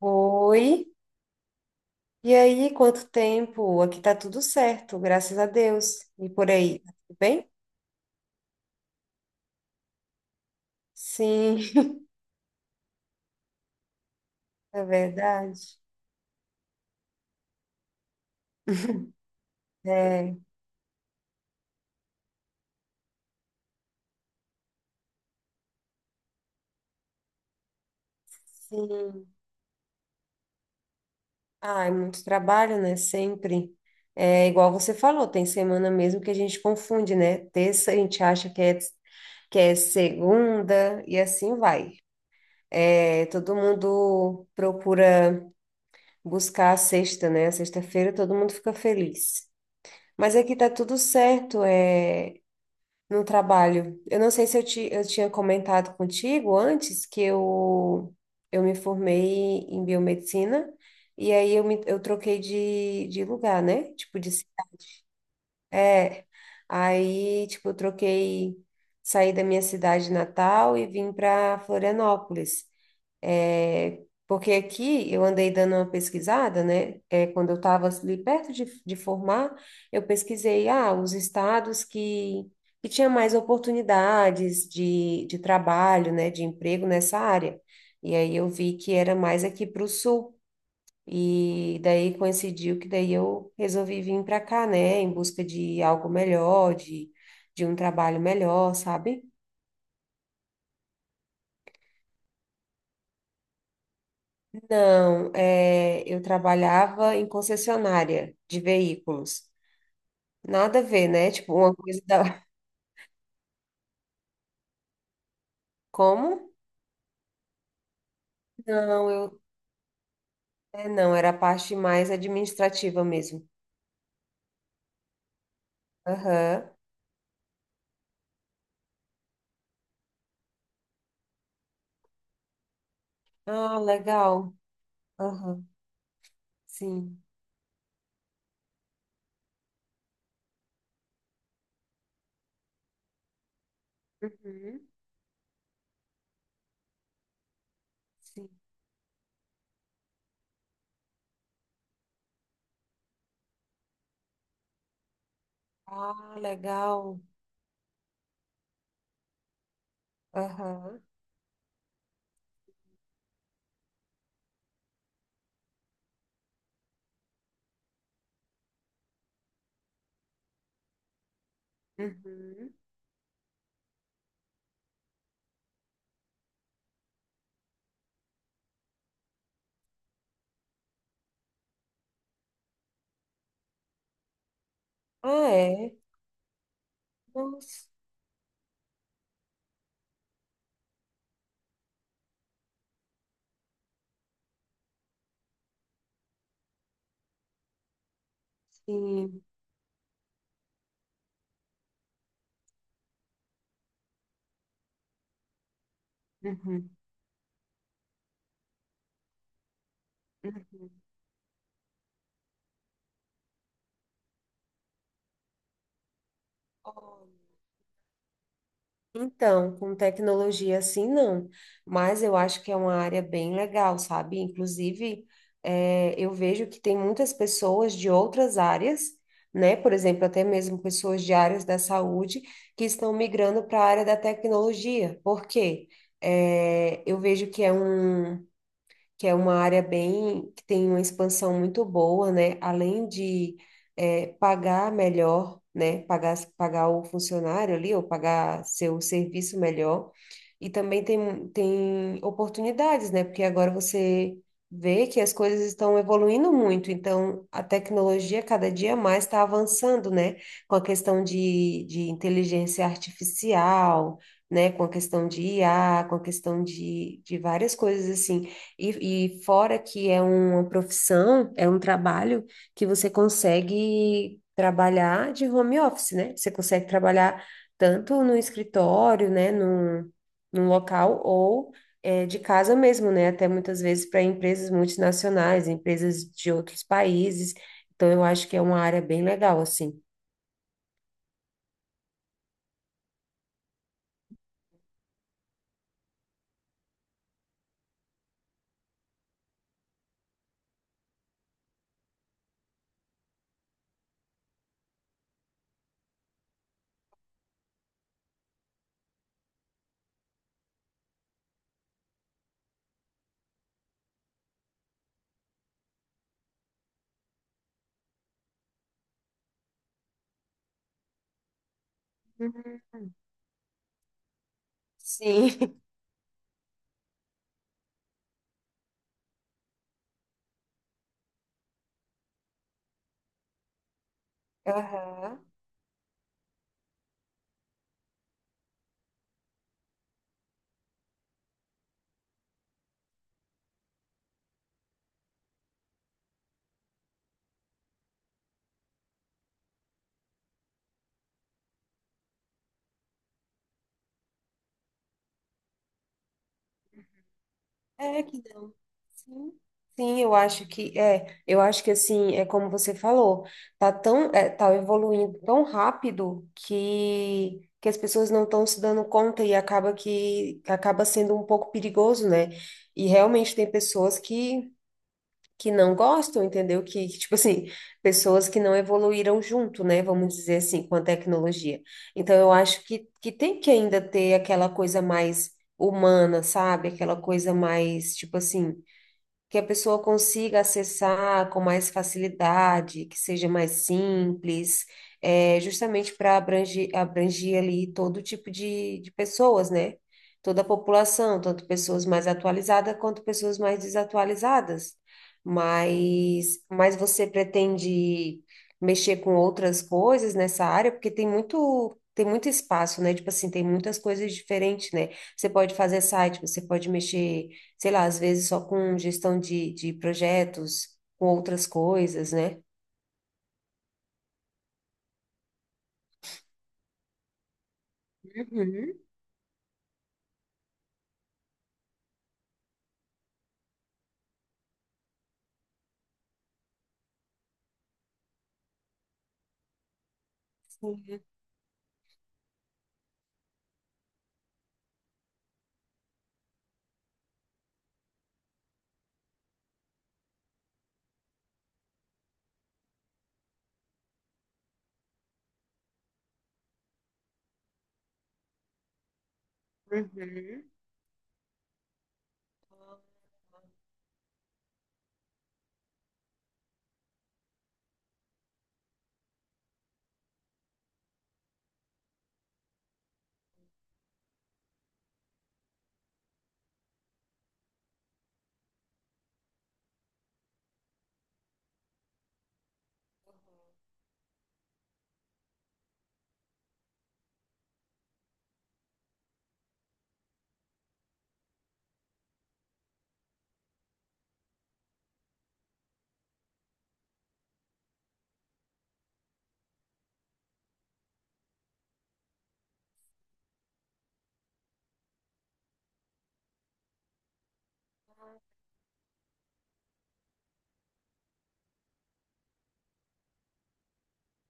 Oi, e aí, quanto tempo? Aqui tá tudo certo, graças a Deus. E por aí, tá tudo bem? Sim, é verdade. É, sim. Ah, é muito trabalho, né? Sempre. É igual você falou, tem semana mesmo que a gente confunde, né? Terça a gente acha que é segunda e assim vai. É, todo mundo procura buscar a sexta, né? A Sexta-feira todo mundo fica feliz. Mas aqui tá tudo certo. No trabalho. Eu não sei se eu, ti, eu tinha comentado contigo antes eu me formei em biomedicina e aí eu troquei de lugar, né? Tipo, de, é, aí, tipo, Eu troquei, saí da minha cidade natal e vim para Florianópolis. É, porque aqui eu andei dando uma pesquisada, né? Quando eu estava ali perto de formar, eu pesquisei, ah, os estados que tinha mais oportunidades de trabalho, né? De emprego nessa área. E aí eu vi que era mais aqui para o sul. E daí coincidiu que daí eu resolvi vir para cá, né? Em busca de algo melhor, de um trabalho melhor, sabe? Não, eu trabalhava em concessionária de veículos. Nada a ver, né? Tipo, uma coisa da... Como? Não, eu... É, não, era a parte mais administrativa mesmo. Aham. Ah, legal. Aham. Sim. Uhum. Sim. Ah, legal. Aham. Uhum. Ah, é? Nossa. Sim. Uhum. Uhum. Então, com tecnologia assim, não, mas eu acho que é uma área bem legal, sabe? Inclusive, eu vejo que tem muitas pessoas de outras áreas, né? Por exemplo, até mesmo pessoas de áreas da saúde que estão migrando para a área da tecnologia. Por quê? Eu vejo que é uma área bem que tem uma expansão muito boa, né? Além de pagar melhor, né? Pagar o funcionário ali ou pagar seu serviço melhor. E também tem oportunidades, né? Porque agora você vê que as coisas estão evoluindo muito, então a tecnologia cada dia mais está avançando, né? Com a questão de inteligência artificial, né? Com a questão de IA, com a questão de várias coisas assim. E fora que é uma profissão, é um trabalho que você consegue trabalhar de home office, né? Você consegue trabalhar tanto no escritório, né, num local, ou de casa mesmo, né? Até muitas vezes para empresas multinacionais, empresas de outros países. Então, eu acho que é uma área bem legal, assim. Uhum. Sim. Aham. É que não. Sim. Sim, eu acho que é, eu acho que assim, é como você falou, tá tão, é, tá evoluindo tão rápido que as pessoas não estão se dando conta e acaba que acaba sendo um pouco perigoso, né? E realmente tem pessoas que não gostam, entendeu? Tipo assim, pessoas que não evoluíram junto, né? Vamos dizer assim, com a tecnologia. Então, eu acho que tem que ainda ter aquela coisa mais humana, sabe? Aquela coisa mais, tipo assim, que a pessoa consiga acessar com mais facilidade, que seja mais simples, justamente para abranger ali todo tipo de pessoas, né? Toda a população, tanto pessoas mais atualizadas quanto pessoas mais desatualizadas. Mas você pretende mexer com outras coisas nessa área, porque tem muito. Tem muito espaço, né? Tipo assim, tem muitas coisas diferentes, né? Você pode fazer site, você pode mexer sei lá, às vezes só com gestão de projetos, com outras coisas, né? Uhum, sim, uhum.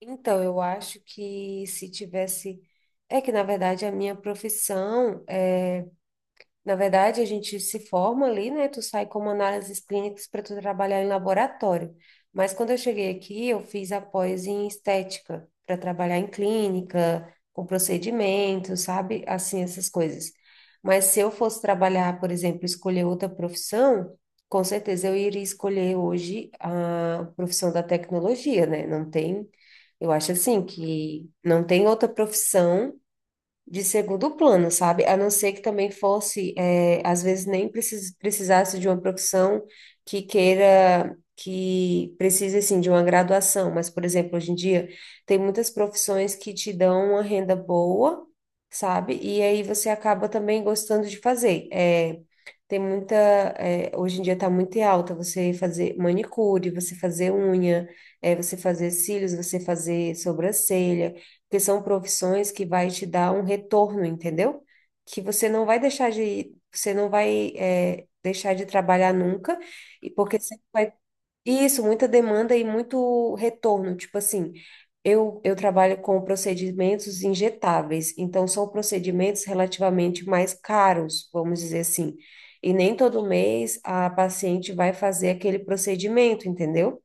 Então, eu acho que se tivesse. É que, na verdade, a minha profissão é. Na verdade, a gente se forma ali, né? Tu sai como análises clínicas para tu trabalhar em laboratório. Mas quando eu cheguei aqui, eu fiz a pós em estética, para trabalhar em clínica, com procedimentos, sabe? Assim, essas coisas. Mas se eu fosse trabalhar, por exemplo, escolher outra profissão, com certeza eu iria escolher hoje a profissão da tecnologia, né? Não tem, eu acho assim que não tem outra profissão de segundo plano, sabe? A não ser que também fosse, eh, às vezes nem precis, precisasse de uma profissão que queira, que precise, assim, de uma graduação. Mas, por exemplo, hoje em dia, tem muitas profissões que te dão uma renda boa, sabe? E aí você acaba também gostando de fazer. Tem muita, Hoje em dia está muito em alta você fazer manicure, você fazer unha, você fazer cílios, você fazer sobrancelha, porque são profissões que vai te dar um retorno, entendeu? Que você não vai deixar de, você não vai deixar de trabalhar nunca, e porque sempre vai isso, muita demanda e muito retorno. Tipo assim, eu trabalho com procedimentos injetáveis, então são procedimentos relativamente mais caros, vamos dizer assim. E nem todo mês a paciente vai fazer aquele procedimento, entendeu?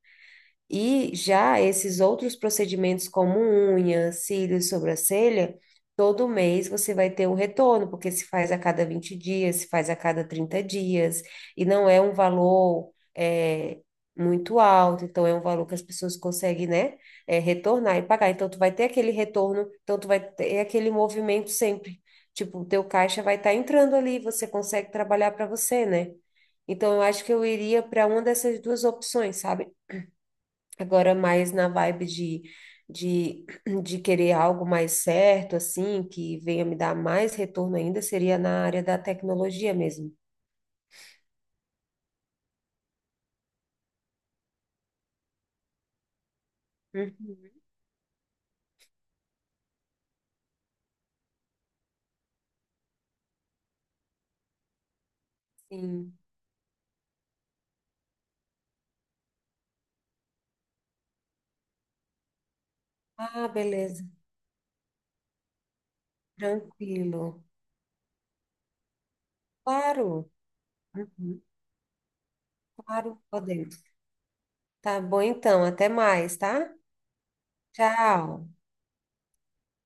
E já esses outros procedimentos, como unha, cílios, sobrancelha, todo mês você vai ter um retorno, porque se faz a cada 20 dias, se faz a cada 30 dias, e não é um valor muito alto, então é um valor que as pessoas conseguem, né, retornar e pagar. Então, tu vai ter aquele retorno, então tu vai ter aquele movimento sempre. Tipo, o teu caixa vai estar entrando ali, você consegue trabalhar para você, né? Então, eu acho que eu iria para uma dessas duas opções, sabe? Agora, mais na vibe de, de querer algo mais certo, assim, que venha me dar mais retorno ainda, seria na área da tecnologia mesmo. Uhum, sim. Ah, beleza. Tranquilo. Claro. Uhum, claro, podemos. Tá bom, então. Até mais, tá? Tchau.